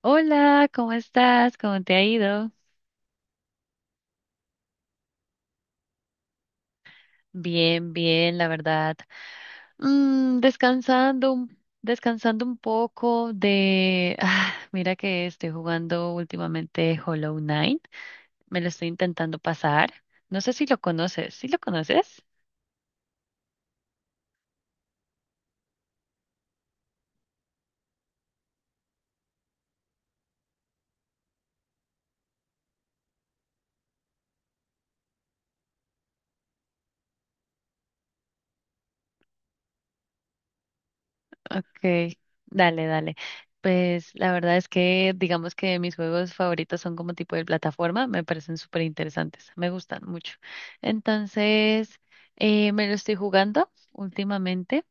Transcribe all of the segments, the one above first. Hola, ¿cómo estás? ¿Cómo te ha ido? Bien, bien, la verdad. Descansando, descansando un poco de... ah, mira que estoy jugando últimamente Hollow Knight. Me lo estoy intentando pasar. No sé si lo conoces. ¿Sí lo conoces? Okay, dale, dale. Pues la verdad es que digamos que mis juegos favoritos son como tipo de plataforma, me parecen súper interesantes, me gustan mucho. Entonces, me lo estoy jugando últimamente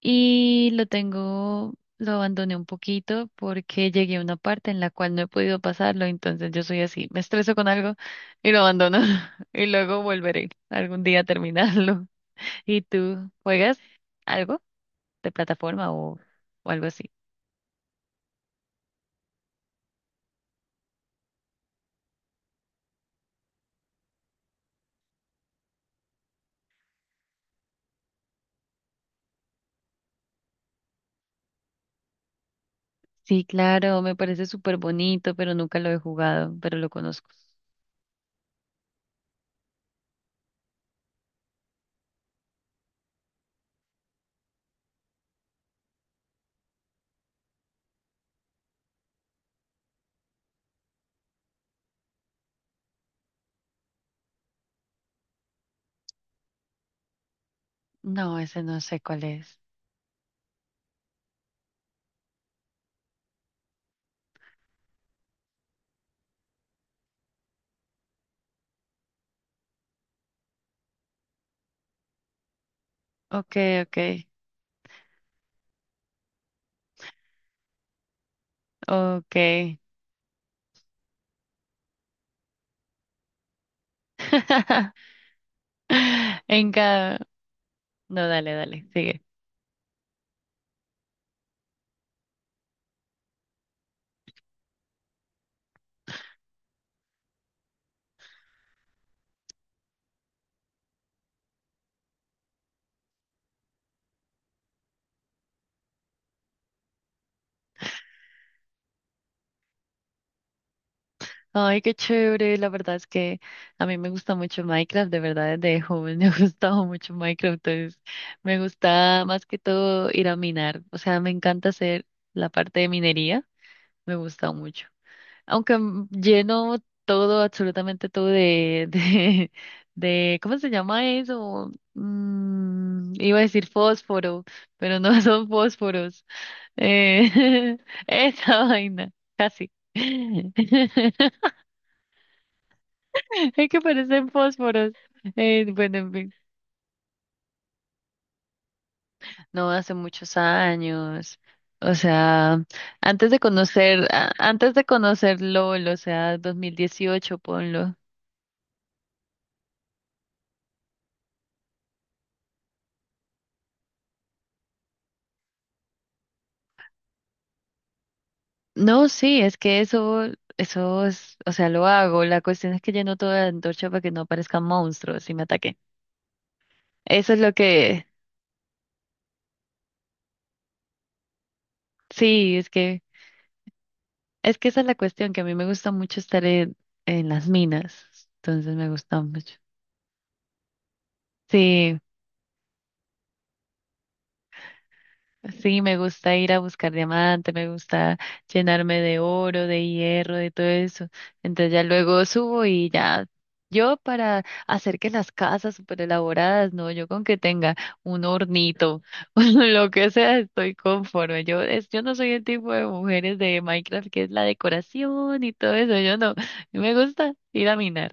y lo tengo, lo abandoné un poquito porque llegué a una parte en la cual no he podido pasarlo, entonces yo soy así, me estreso con algo y lo abandono y luego volveré algún día a terminarlo. ¿Y tú juegas algo? ¿De plataforma o algo así? Sí, claro, me parece súper bonito, pero nunca lo he jugado, pero lo conozco. No, ese no sé cuál es. Ok, ok, ok. En cada... No, dale, dale, sigue. Ay, qué chévere. La verdad es que a mí me gusta mucho Minecraft, de verdad, desde joven me ha gustado mucho Minecraft. Entonces, me gusta más que todo ir a minar. O sea, me encanta hacer la parte de minería, me gusta mucho. Aunque lleno todo, absolutamente todo ¿cómo se llama eso? Iba a decir fósforo, pero no son fósforos. Eh, esa vaina, casi. Es que parecen fósforos. Bueno, en fin, no hace muchos años. O sea, antes de conocer, antes de conocer LOL, o sea, 2018, ponlo. No, sí, es que eso es, o sea, lo hago. La cuestión es que lleno toda la antorcha para que no aparezcan monstruos y me ataquen. Eso es lo que, sí, es que esa es la cuestión, que a mí me gusta mucho estar en las minas. Entonces me gusta mucho. Sí, Sí, me gusta ir a buscar diamante, me gusta llenarme de oro, de hierro, de todo eso. Entonces ya luego subo y ya yo para hacer que las casas súper elaboradas, no, yo con que tenga un hornito o lo que sea, estoy conforme. Yo no soy el tipo de mujeres de Minecraft que es la decoración y todo eso, yo no. Me gusta ir a minar.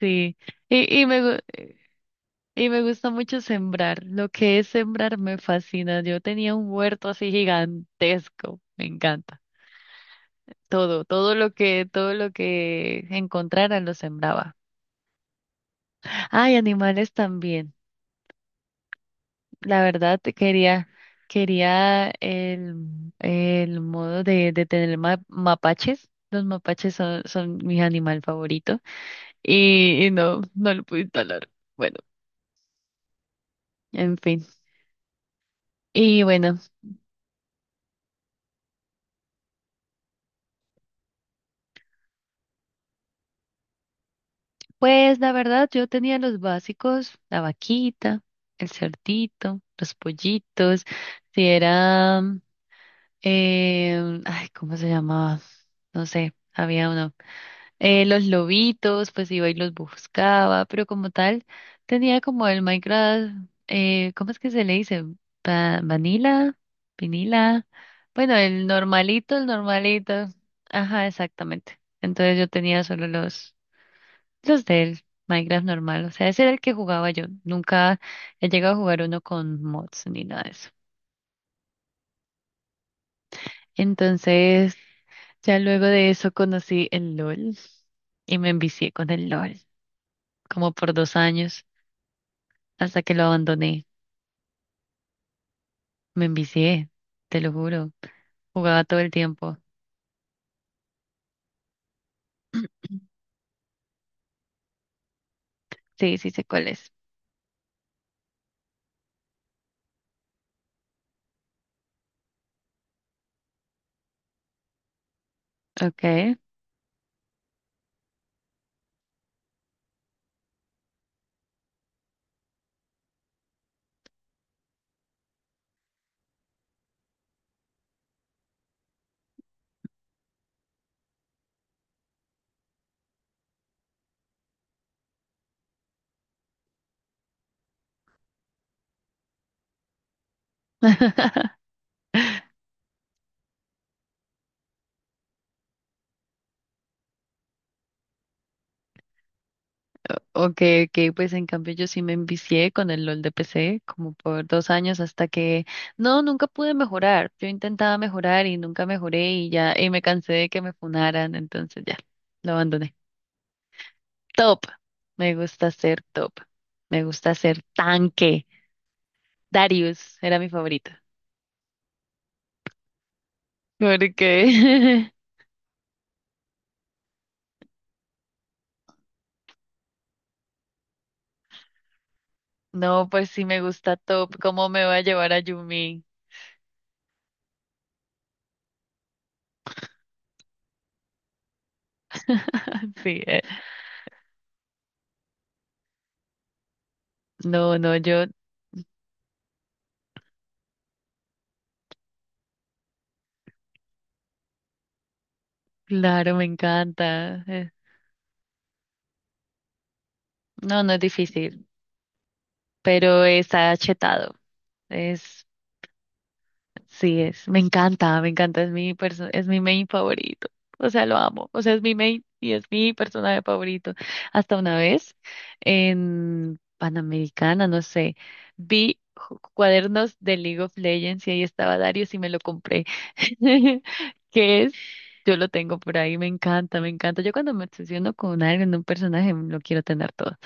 Sí, y, y me, gu- y me gusta mucho sembrar. Lo que es sembrar me fascina. Yo tenía un huerto así gigantesco. Me encanta. Todo, todo lo que encontrara lo sembraba. Ay, animales también. La verdad te quería, quería el modo de tener mapaches. Los mapaches son mi animal favorito. Y no, no lo pude instalar. Bueno, en fin. Y bueno. Pues la verdad, yo tenía los básicos, la vaquita, el cerdito, los pollitos, si era, ay, ¿cómo se llamaba? No sé, había uno. Los lobitos, pues iba y los buscaba, pero como tal, tenía como el Minecraft, ¿cómo es que se le dice? Vanilla, vinila, bueno, el normalito, el normalito. Ajá, exactamente. Entonces yo tenía solo los... Los del Minecraft normal, o sea, ese era el que jugaba yo. Nunca he llegado a jugar uno con mods ni nada de eso. Entonces, ya luego de eso conocí el LOL y me envicié con el LOL, como por dos años, hasta que lo abandoné. Me envicié, te lo juro. Jugaba todo el tiempo. Sí, sí sé cuál es. Okay. Ok, ok, pues en cambio yo sí me envicié con el LOL de PC como por dos años hasta que no, nunca pude mejorar. Yo intentaba mejorar y nunca mejoré y ya, y me cansé de que me funaran, entonces ya, lo abandoné. Top, me gusta ser top, me gusta ser tanque. Darius era mi favorito. ¿Por qué? No, pues sí me gusta top, ¿cómo me va a llevar a Yumi? Sí, No, no, yo, claro, me encanta. No, no es difícil. Pero está chetado. Es, sí es, me encanta, es mi main favorito. O sea, lo amo. O sea, es mi main y es mi personaje favorito. Hasta una vez en Panamericana, no sé, cuadernos de League of Legends y ahí estaba Darius y me lo compré. ¿Qué es? Yo lo tengo por ahí, me encanta, me encanta. Yo cuando me obsesiono con alguien en un personaje, lo quiero tener todo.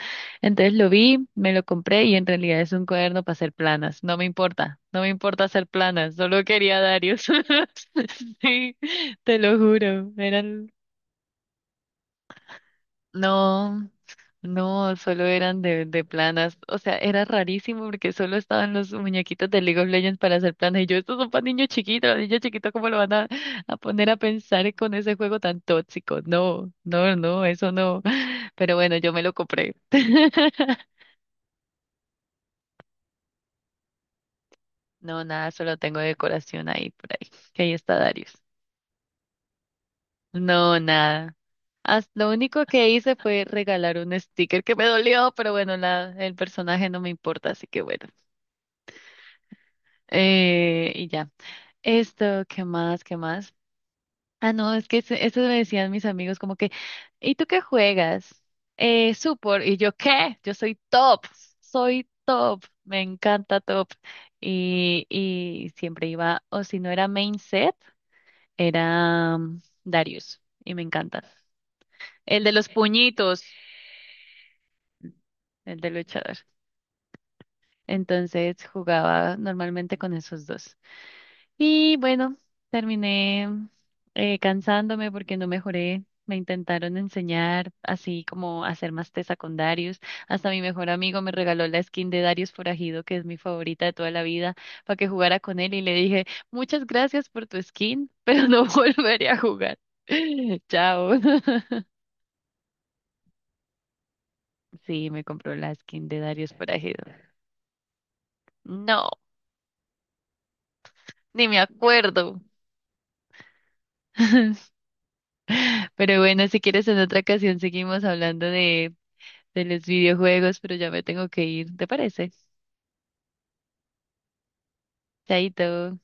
Entonces lo vi, me lo compré y en realidad es un cuaderno para hacer planas. No me importa, no me importa hacer planas, solo quería Darius. Sí, te lo juro, eran... No, no, solo eran de planas. O sea, era rarísimo porque solo estaban los muñequitos de League of Legends para hacer planas. Y yo, estos son para niños chiquitos, los niños chiquitos, ¿cómo lo van a, ¿a poner a pensar con ese juego tan tóxico? No, no, no, eso no. Pero bueno, yo me lo compré. No, nada, solo tengo decoración ahí por ahí, que ahí está Darius. No, nada. Lo único que hice fue regalar un sticker que me dolió, pero bueno, el personaje no me importa, así que bueno. Y ya. Esto, ¿qué más? ¿Qué más? Ah, no, es que eso me decían mis amigos como que, ¿y tú qué juegas? Support. ¿Y yo qué? Yo soy top, me encanta top. Y siempre iba, o si no era main set. Era Darius y me encanta. El de los puñitos, el de luchador. Entonces jugaba normalmente con esos dos. Y bueno, terminé cansándome porque no mejoré. Me intentaron enseñar así como a hacer más tesa con Darius. Hasta mi mejor amigo me regaló la skin de Darius Forajido, que es mi favorita de toda la vida, para que jugara con él. Y le dije, muchas gracias por tu skin, pero no volveré a jugar. Chao. Sí, me compró la skin de Darius Forajido. No, ni me acuerdo. Pero bueno, si quieres en otra ocasión seguimos hablando de los videojuegos, pero ya me tengo que ir, ¿te parece? Chaito.